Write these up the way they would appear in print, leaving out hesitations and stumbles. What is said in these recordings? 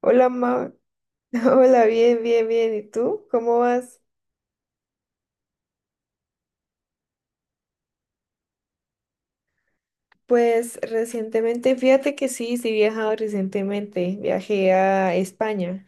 Hola, Ma. Hola, bien. ¿Y tú? ¿Cómo vas? Pues recientemente, fíjate que sí, sí he viajado recientemente. Viajé a España.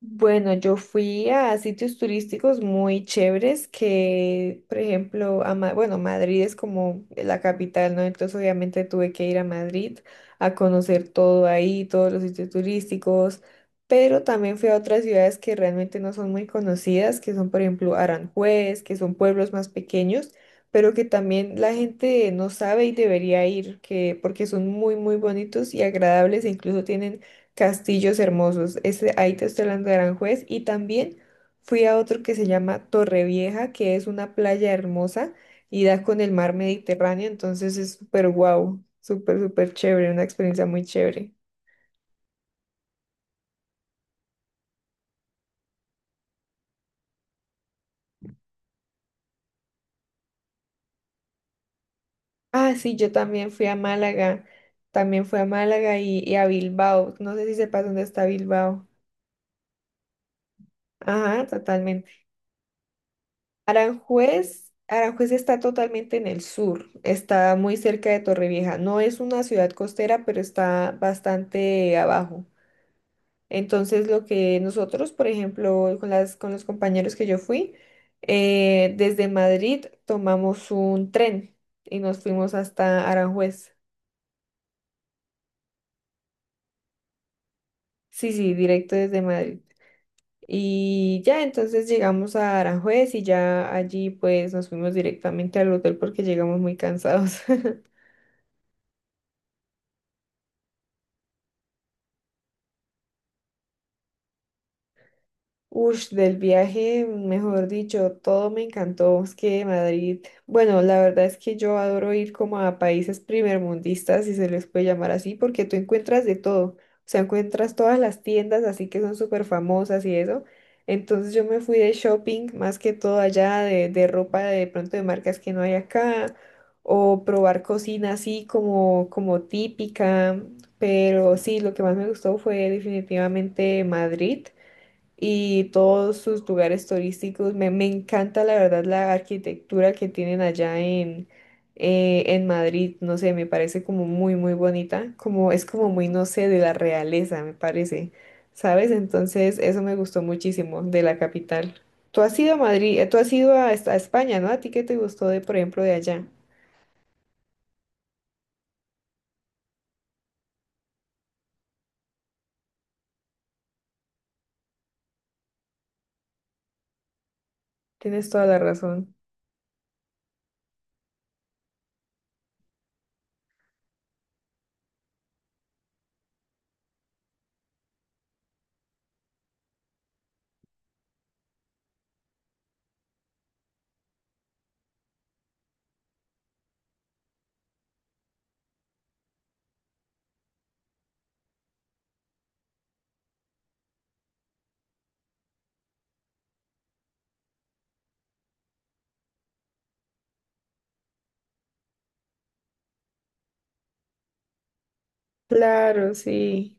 Bueno, yo fui a sitios turísticos muy chéveres que, por ejemplo, bueno, Madrid es como la capital, ¿no? Entonces obviamente tuve que ir a Madrid a conocer todo ahí, todos los sitios turísticos, pero también fui a otras ciudades que realmente no son muy conocidas, que son, por ejemplo, Aranjuez, que son pueblos más pequeños, pero que también la gente no sabe y debería ir, porque son muy bonitos y agradables, e incluso tienen castillos hermosos. Ese, ahí te estoy hablando de Aranjuez. Y también fui a otro que se llama Torrevieja, que es una playa hermosa y da con el mar Mediterráneo. Entonces es súper guau, súper chévere, una experiencia muy chévere. Ah, sí, yo también fui a Málaga. También fui a Málaga y a Bilbao. No sé si sepas dónde está Bilbao. Ajá, totalmente. Aranjuez está totalmente en el sur, está muy cerca de Torrevieja. No es una ciudad costera, pero está bastante abajo. Entonces, lo que nosotros, por ejemplo, con los compañeros que yo fui, desde Madrid tomamos un tren y nos fuimos hasta Aranjuez. Sí, sí, directo desde Madrid. Y ya entonces llegamos a Aranjuez y ya allí pues nos fuimos directamente al hotel porque llegamos muy cansados. Ush, del viaje, mejor dicho, todo me encantó. Es que Madrid, bueno, la verdad es que yo adoro ir como a países primermundistas, si se les puede llamar así, porque tú encuentras de todo. O sea, encuentras todas las tiendas así que son súper famosas y eso. Entonces yo me fui de shopping más que todo allá, de ropa de pronto de marcas que no hay acá, o probar cocina así como típica. Pero sí, lo que más me gustó fue definitivamente Madrid y todos sus lugares turísticos. Me encanta la verdad la arquitectura que tienen allá en Madrid. No sé, me parece como muy bonita. Como es como muy, no sé, de la realeza, me parece. ¿Sabes? Entonces, eso me gustó muchísimo de la capital. Tú has ido a Madrid, tú has ido a España, ¿no? ¿A ti qué te gustó de, por ejemplo, de allá? Tienes toda la razón. Claro, sí.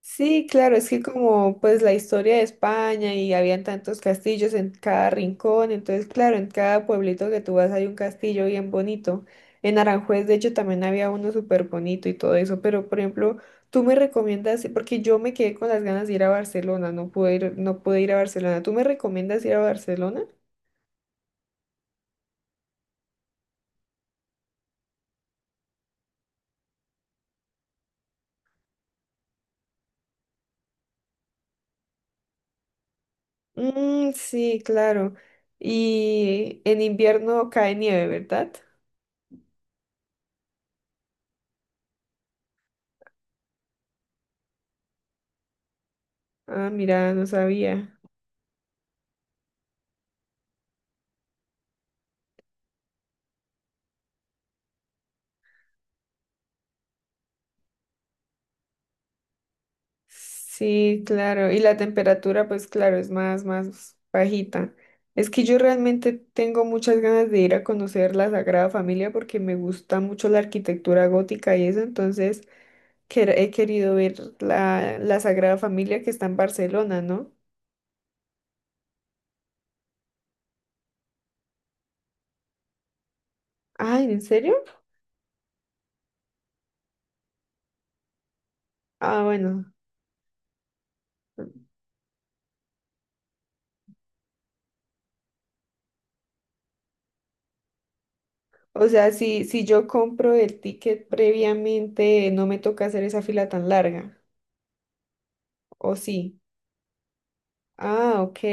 Sí, claro, es que como pues la historia de España y habían tantos castillos en cada rincón, entonces claro, en cada pueblito que tú vas hay un castillo bien bonito. En Aranjuez, de hecho, también había uno súper bonito y todo eso, pero por ejemplo, tú me recomiendas, porque yo me quedé con las ganas de ir a Barcelona, no pude ir a Barcelona. ¿Tú me recomiendas ir a Barcelona? Mm, sí, claro. Y en invierno cae nieve, ¿verdad? Ah, mira, no sabía. Sí, claro. Y la temperatura, pues claro, es más, más bajita. Es que yo realmente tengo muchas ganas de ir a conocer la Sagrada Familia porque me gusta mucho la arquitectura gótica y eso, entonces he querido ver la Sagrada Familia que está en Barcelona, ¿no? Ay, ¿en serio? Ah, bueno. O sea, si yo compro el ticket previamente, no me toca hacer esa fila tan larga. ¿O sí? Ah, ok.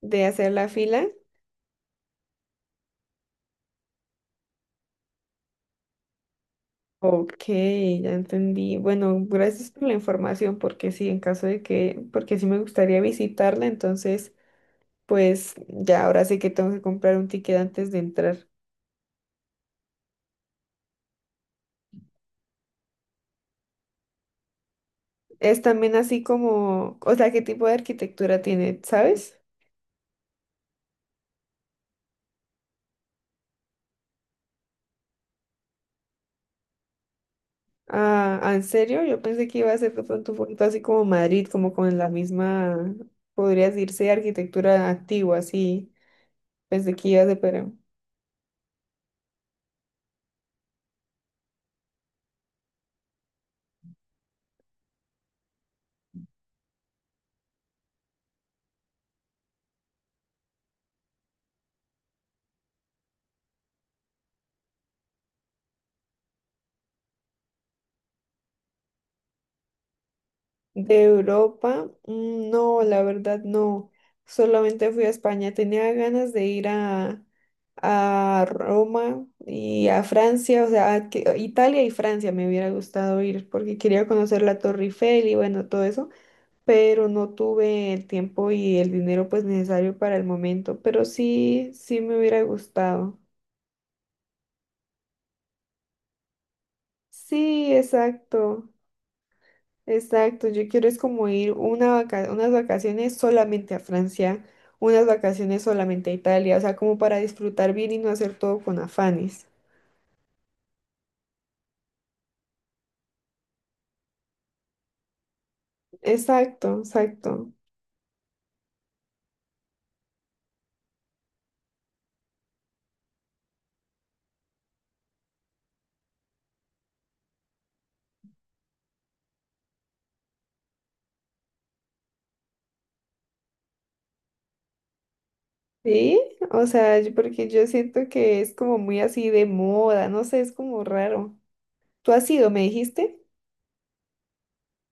De hacer la fila. Ok, ya entendí. Bueno, gracias por la información, porque sí, en caso de que, porque sí me gustaría visitarla, entonces, pues ya ahora sé que tengo que comprar un ticket antes de entrar. Es también así como, o sea, ¿qué tipo de arquitectura tiene, sabes? Ah, ah, ¿en serio? Yo pensé que iba a ser de pronto un poquito así como Madrid, como con la misma, podría decirse, arquitectura antigua, así. Pensé que iba a ser, pero... De Europa, mm, no, la verdad no. Solamente fui a España. Tenía ganas de ir a Roma y a Francia, o sea, a Italia y Francia me hubiera gustado ir porque quería conocer la Torre Eiffel y bueno, todo eso, pero no tuve el tiempo y el dinero pues necesario para el momento, pero sí, sí me hubiera gustado. Sí, exacto. Exacto, yo quiero es como ir unas vacaciones solamente a Francia, unas vacaciones solamente a Italia, o sea, como para disfrutar bien y no hacer todo con afanes. Exacto, exacto. Sí, o sea, yo- porque yo siento que es como muy así de moda, no sé, es como raro. ¿Tú has ido, me dijiste?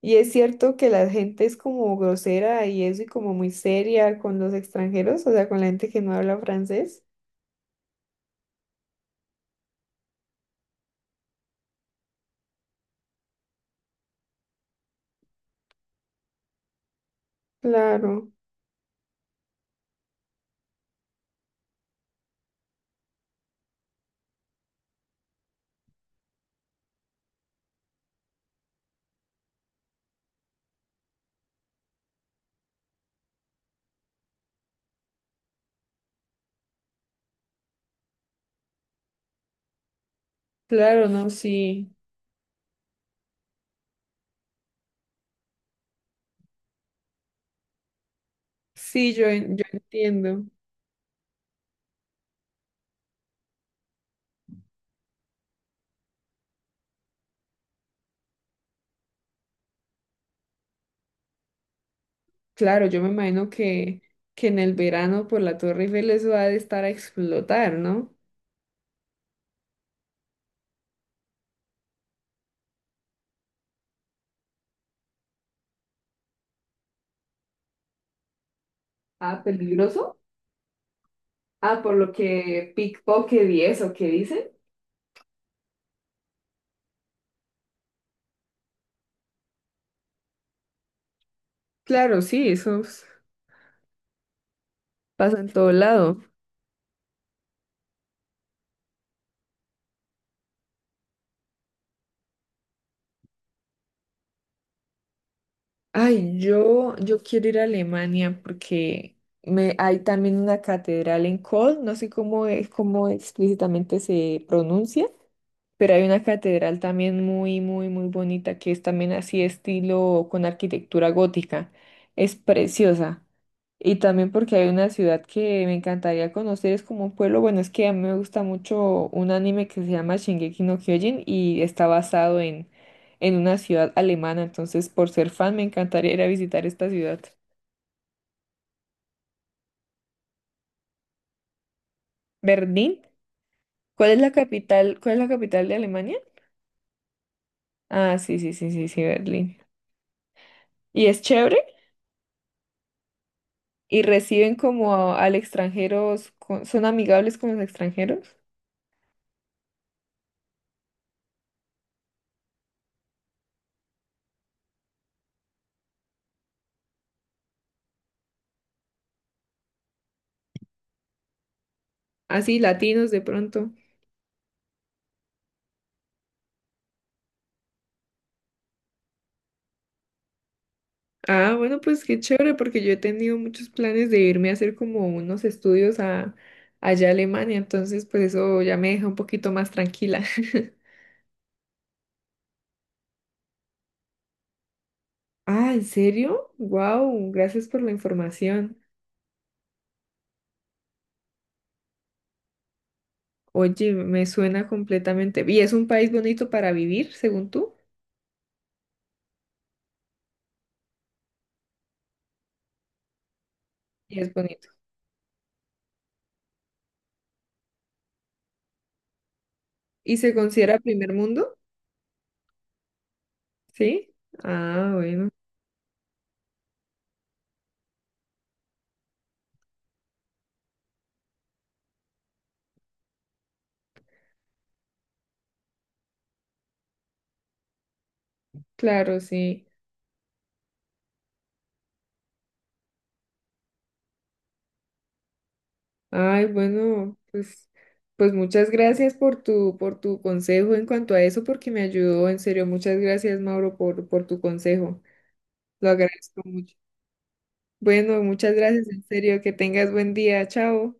Y es cierto que la gente es como grosera y eso y como muy seria con los extranjeros, o sea, con la gente que no habla francés. Claro, claro, no, sí. Sí, yo, yo entiendo. Claro, yo me imagino que en el verano por la Torre Eiffel eso ha de estar a explotar, ¿no? Ah, peligroso. Ah, por lo que pickpocket y eso, ¿qué dicen? Claro, sí, eso es- pasa en todo lado. Ay, yo quiero ir a Alemania porque me, hay también una catedral en Köln, no sé cómo es, cómo explícitamente se pronuncia. Pero hay una catedral también muy bonita que es también así estilo con arquitectura gótica. Es preciosa. Y también porque hay una ciudad que me encantaría conocer, es como un pueblo, bueno, es que a mí me gusta mucho un anime que se llama Shingeki no Kyojin y está basado en una ciudad alemana, entonces por ser fan me encantaría ir a visitar esta ciudad. Berlín, ¿cuál es la capital, cuál es la capital de Alemania? Ah, Berlín. ¿Y es chévere? Y reciben como al extranjeros son amigables con los extranjeros, así latinos de pronto. Ah, bueno, pues qué chévere, porque yo he tenido muchos planes de irme a hacer como unos estudios a, allá a Alemania, entonces pues eso ya me deja un poquito más tranquila. Ah, ¿en serio? Wow, gracias por la información. Oye, me suena completamente. ¿Y es un país bonito para vivir, según tú? Y es bonito. ¿Y se considera primer mundo? Sí. Ah, bueno, claro, sí. Ay, bueno, pues, pues muchas gracias por tu consejo en cuanto a eso, porque me ayudó, en serio, muchas gracias, Mauro, por tu consejo. Lo agradezco mucho. Bueno, muchas gracias, en serio, que tengas buen día, chao.